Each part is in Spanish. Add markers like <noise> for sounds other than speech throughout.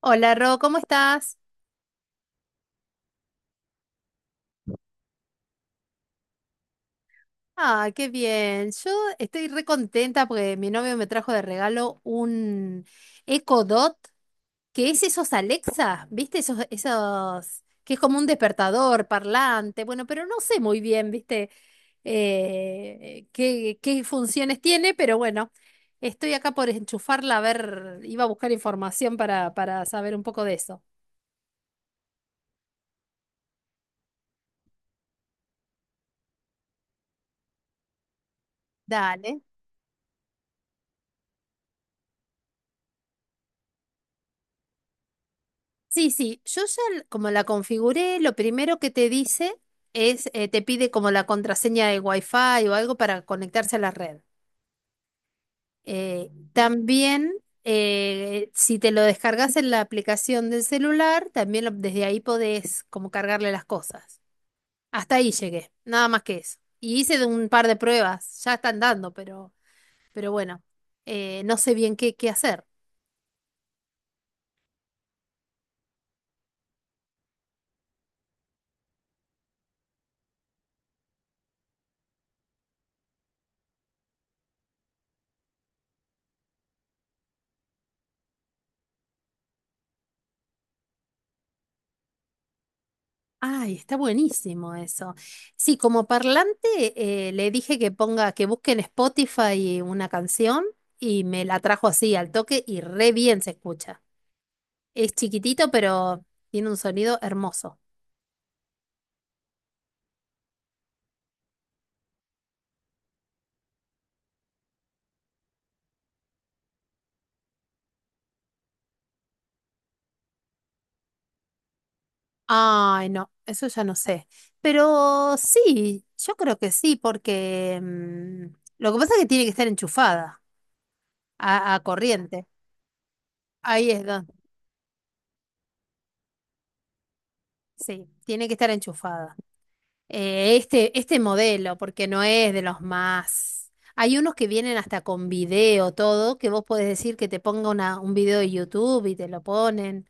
Hola Ro, ¿cómo estás? Ah, qué bien. Yo estoy re contenta porque mi novio me trajo de regalo un Echo Dot, que es esos Alexa, ¿viste? Esos, que es como un despertador parlante. Bueno, pero no sé muy bien, ¿viste? Qué funciones tiene, pero bueno, estoy acá por enchufarla a ver, iba a buscar información para saber un poco de eso. Dale. Sí, sí, yo ya como la configuré, lo primero que te dice es, te pide como la contraseña de Wi-Fi o algo para conectarse a la red. También, si te lo descargas en la aplicación del celular, también desde ahí podés como cargarle las cosas. Hasta ahí llegué, nada más que eso. Y hice de un par de pruebas, ya están dando, pero, bueno, no sé bien qué hacer. Ay, está buenísimo eso. Sí, como parlante le dije que ponga, que busque en Spotify una canción y me la trajo así al toque y re bien se escucha. Es chiquitito, pero tiene un sonido hermoso. Ay, no, eso ya no sé. Pero sí, yo creo que sí, porque lo que pasa es que tiene que estar enchufada a corriente. Ahí es donde, sí, tiene que estar enchufada. Este modelo, porque no es de los más. Hay unos que vienen hasta con video, todo, que vos podés decir que te ponga un video de YouTube y te lo ponen,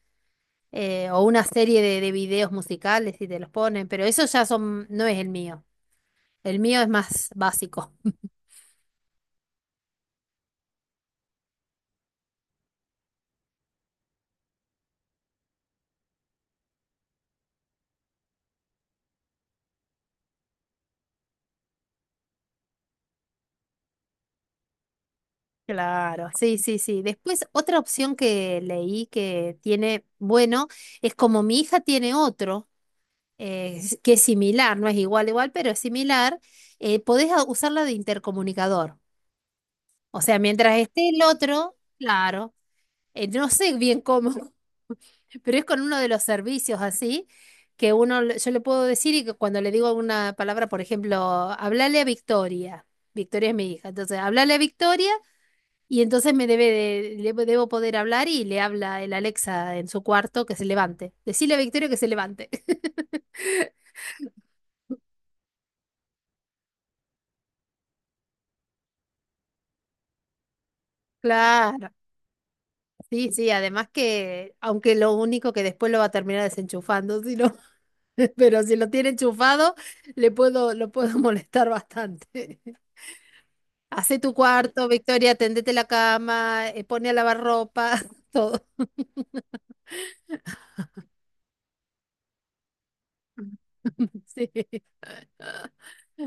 o una serie de videos musicales y te los ponen, pero eso ya son, no es el mío. El mío es más básico. <laughs> Claro, sí, sí, sí. Después, otra opción que leí que tiene, bueno, es como mi hija tiene otro. Que es similar, no es igual, igual, pero es similar, podés usarla de intercomunicador. O sea, mientras esté el otro, claro, no sé bien cómo, <laughs> pero es con uno de los servicios así, que uno, yo le puedo decir y que cuando le digo una palabra, por ejemplo, hablale a Victoria. Victoria es mi hija, entonces hablale a Victoria y entonces me debo poder hablar y le habla el Alexa en su cuarto que se levante. Decile a Victoria que se levante. <laughs> Claro. Sí, sí, además que, aunque lo único que después lo va a terminar desenchufando, si no- <laughs> pero si lo tiene enchufado, lo puedo molestar bastante. <laughs> Hace tu cuarto, Victoria, tendete la cama, pone a lavar ropa, <laughs> todo. <laughs> Sí.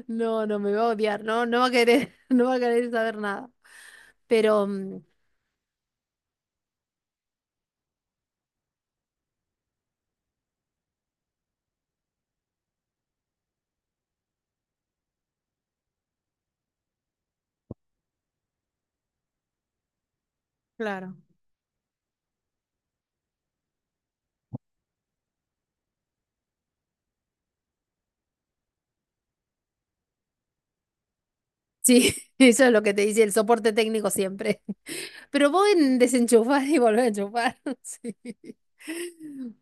No, no me va a odiar, no, no va a querer, <laughs> no va a querer saber nada. Pero, claro, sí, <laughs> eso es lo que te dice el soporte técnico siempre. Pero vos en desenchufar y volver a enchufar. <laughs> Sí.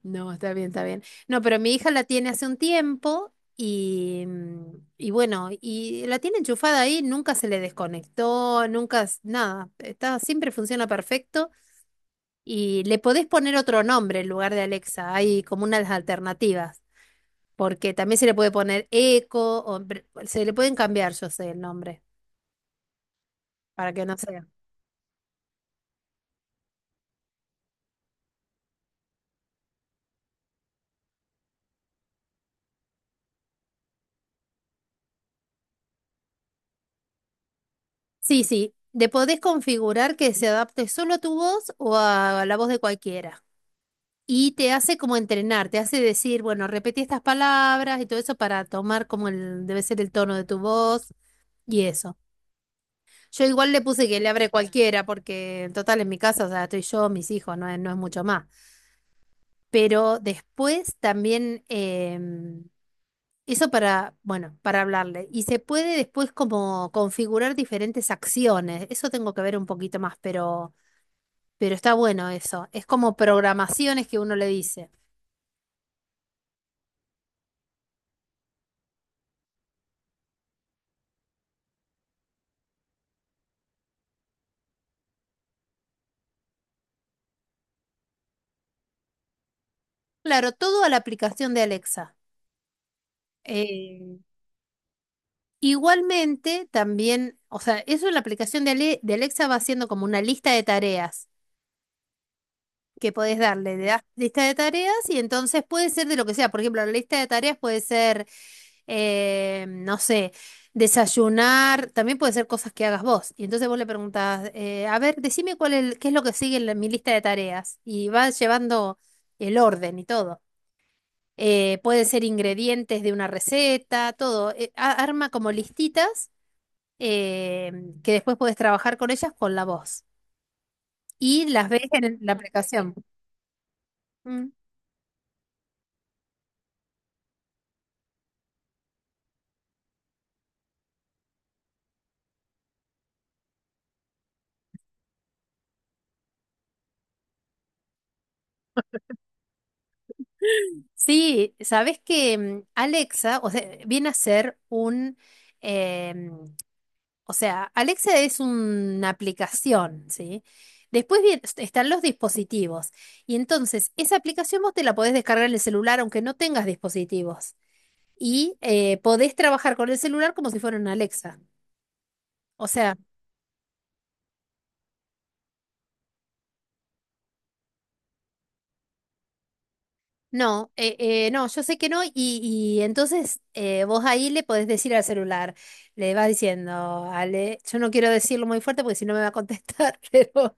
No, está bien, está bien. No, pero mi hija la tiene hace un tiempo y bueno, y la tiene enchufada ahí, nunca se le desconectó, nunca, nada, está, siempre funciona perfecto y le podés poner otro nombre en lugar de Alexa, hay como unas alternativas, porque también se le puede poner Echo, o, se le pueden cambiar, yo sé, el nombre, para que no sea. Sí, sí. De podés configurar que se adapte solo a tu voz o a la voz de cualquiera. Y te hace como entrenar, te hace decir, bueno, repetí estas palabras y todo eso para tomar como el, debe ser el tono de tu voz y eso. Yo igual le puse que le abre cualquiera porque en total en mi casa, o sea, estoy yo, mis hijos, no es mucho más. Pero después también eso para, bueno, para hablarle. Y se puede después como configurar diferentes acciones. Eso tengo que ver un poquito más, pero. Pero está bueno eso. Es como programaciones que uno le dice. Claro, todo a la aplicación de Alexa. Eh, Igualmente, también, o sea, eso en la aplicación de Alexa va haciendo como una lista de tareas. Que podés darle, le das lista de tareas y entonces puede ser de lo que sea. Por ejemplo, la lista de tareas puede ser, no sé, desayunar, también puede ser cosas que hagas vos. Y entonces vos le preguntás, a ver, decime cuál es, qué es lo que sigue en mi lista de tareas. Y vas llevando el orden y todo. Pueden ser ingredientes de una receta, todo. Arma como listitas eh, que después puedes trabajar con ellas con la voz. Y las ves en la aplicación. Mm. Sí, sabes que Alexa, o sea, viene a ser un, em, o sea, Alexa es una aplicación, ¿sí? Después bien están los dispositivos y entonces esa aplicación vos te la podés descargar en el celular aunque no tengas dispositivos y podés trabajar con el celular como si fuera una Alexa. O sea, no, no, yo sé que no, y entonces vos ahí le podés decir al celular, le vas diciendo, Ale, yo no quiero decirlo muy fuerte porque si no me va a contestar, <laughs> pero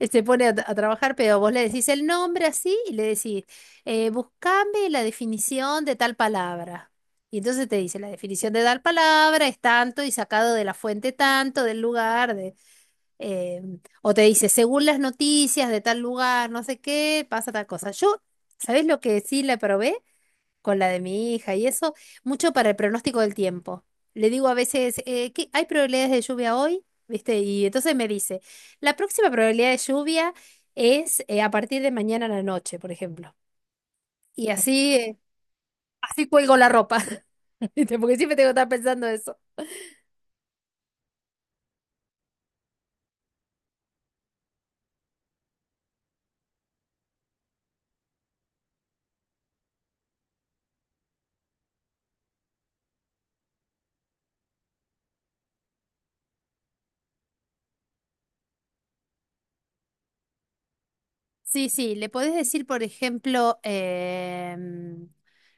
él se pone a trabajar, pero vos le decís el nombre así y le decís, buscame la definición de tal palabra. Y entonces te dice, la definición de tal palabra es tanto y sacado de la fuente tanto, del lugar, eh, o te dice, según las noticias de tal lugar, no sé qué, pasa tal cosa. Yo, ¿sabés lo que sí la probé? Con la de mi hija y eso, mucho para el pronóstico del tiempo. Le digo a veces, ¿hay probabilidades de lluvia hoy? ¿Viste? Y entonces me dice, la próxima probabilidad de lluvia es a partir de mañana a la noche, por ejemplo. Y así, así cuelgo la ropa, <laughs> ¿viste? Porque siempre tengo que estar pensando eso. Sí, sí, le podés decir, por ejemplo,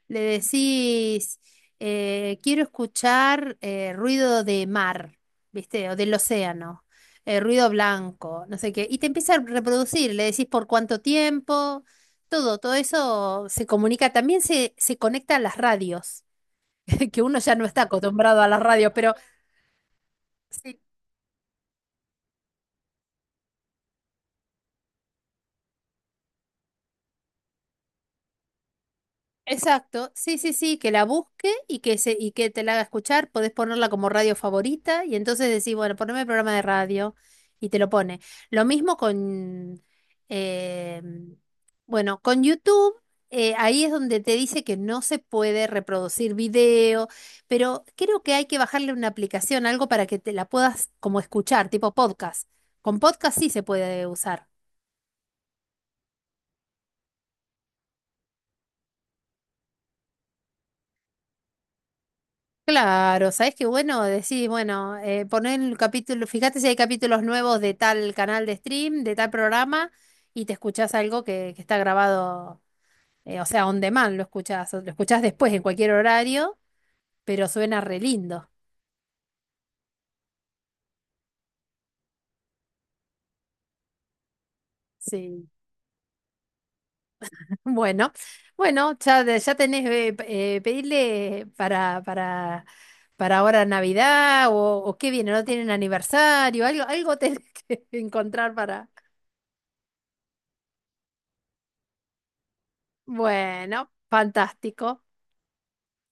le decís, quiero escuchar ruido de mar, ¿viste? O del océano, ruido blanco, no sé qué. Y te empieza a reproducir, le decís por cuánto tiempo, todo, todo eso se comunica. También se conecta a las radios, <laughs> que uno ya no está acostumbrado a las radios, pero. Sí, exacto, sí, sí, sí, que la busque y que te la haga escuchar, podés ponerla como radio favorita y entonces decís, bueno, poneme el programa de radio y te lo pone. Lo mismo con, eh, bueno, con YouTube, ahí es donde te dice que no se puede reproducir video, pero creo que hay que bajarle una aplicación, algo para que te la puedas como escuchar, tipo podcast. Con podcast sí se puede usar. Claro, sabes que bueno, decís, bueno, poner el capítulo, fíjate si hay capítulos nuevos de tal canal de stream, de tal programa, y te escuchás algo que está grabado, o sea, on demand lo escuchás, o lo escuchás después en cualquier horario, pero suena re lindo. Sí. <laughs> Bueno, bueno, ya, ya tenés, pedirle para, ahora Navidad, o qué viene, no tienen aniversario, algo tenés que <laughs> encontrar para. Bueno, fantástico.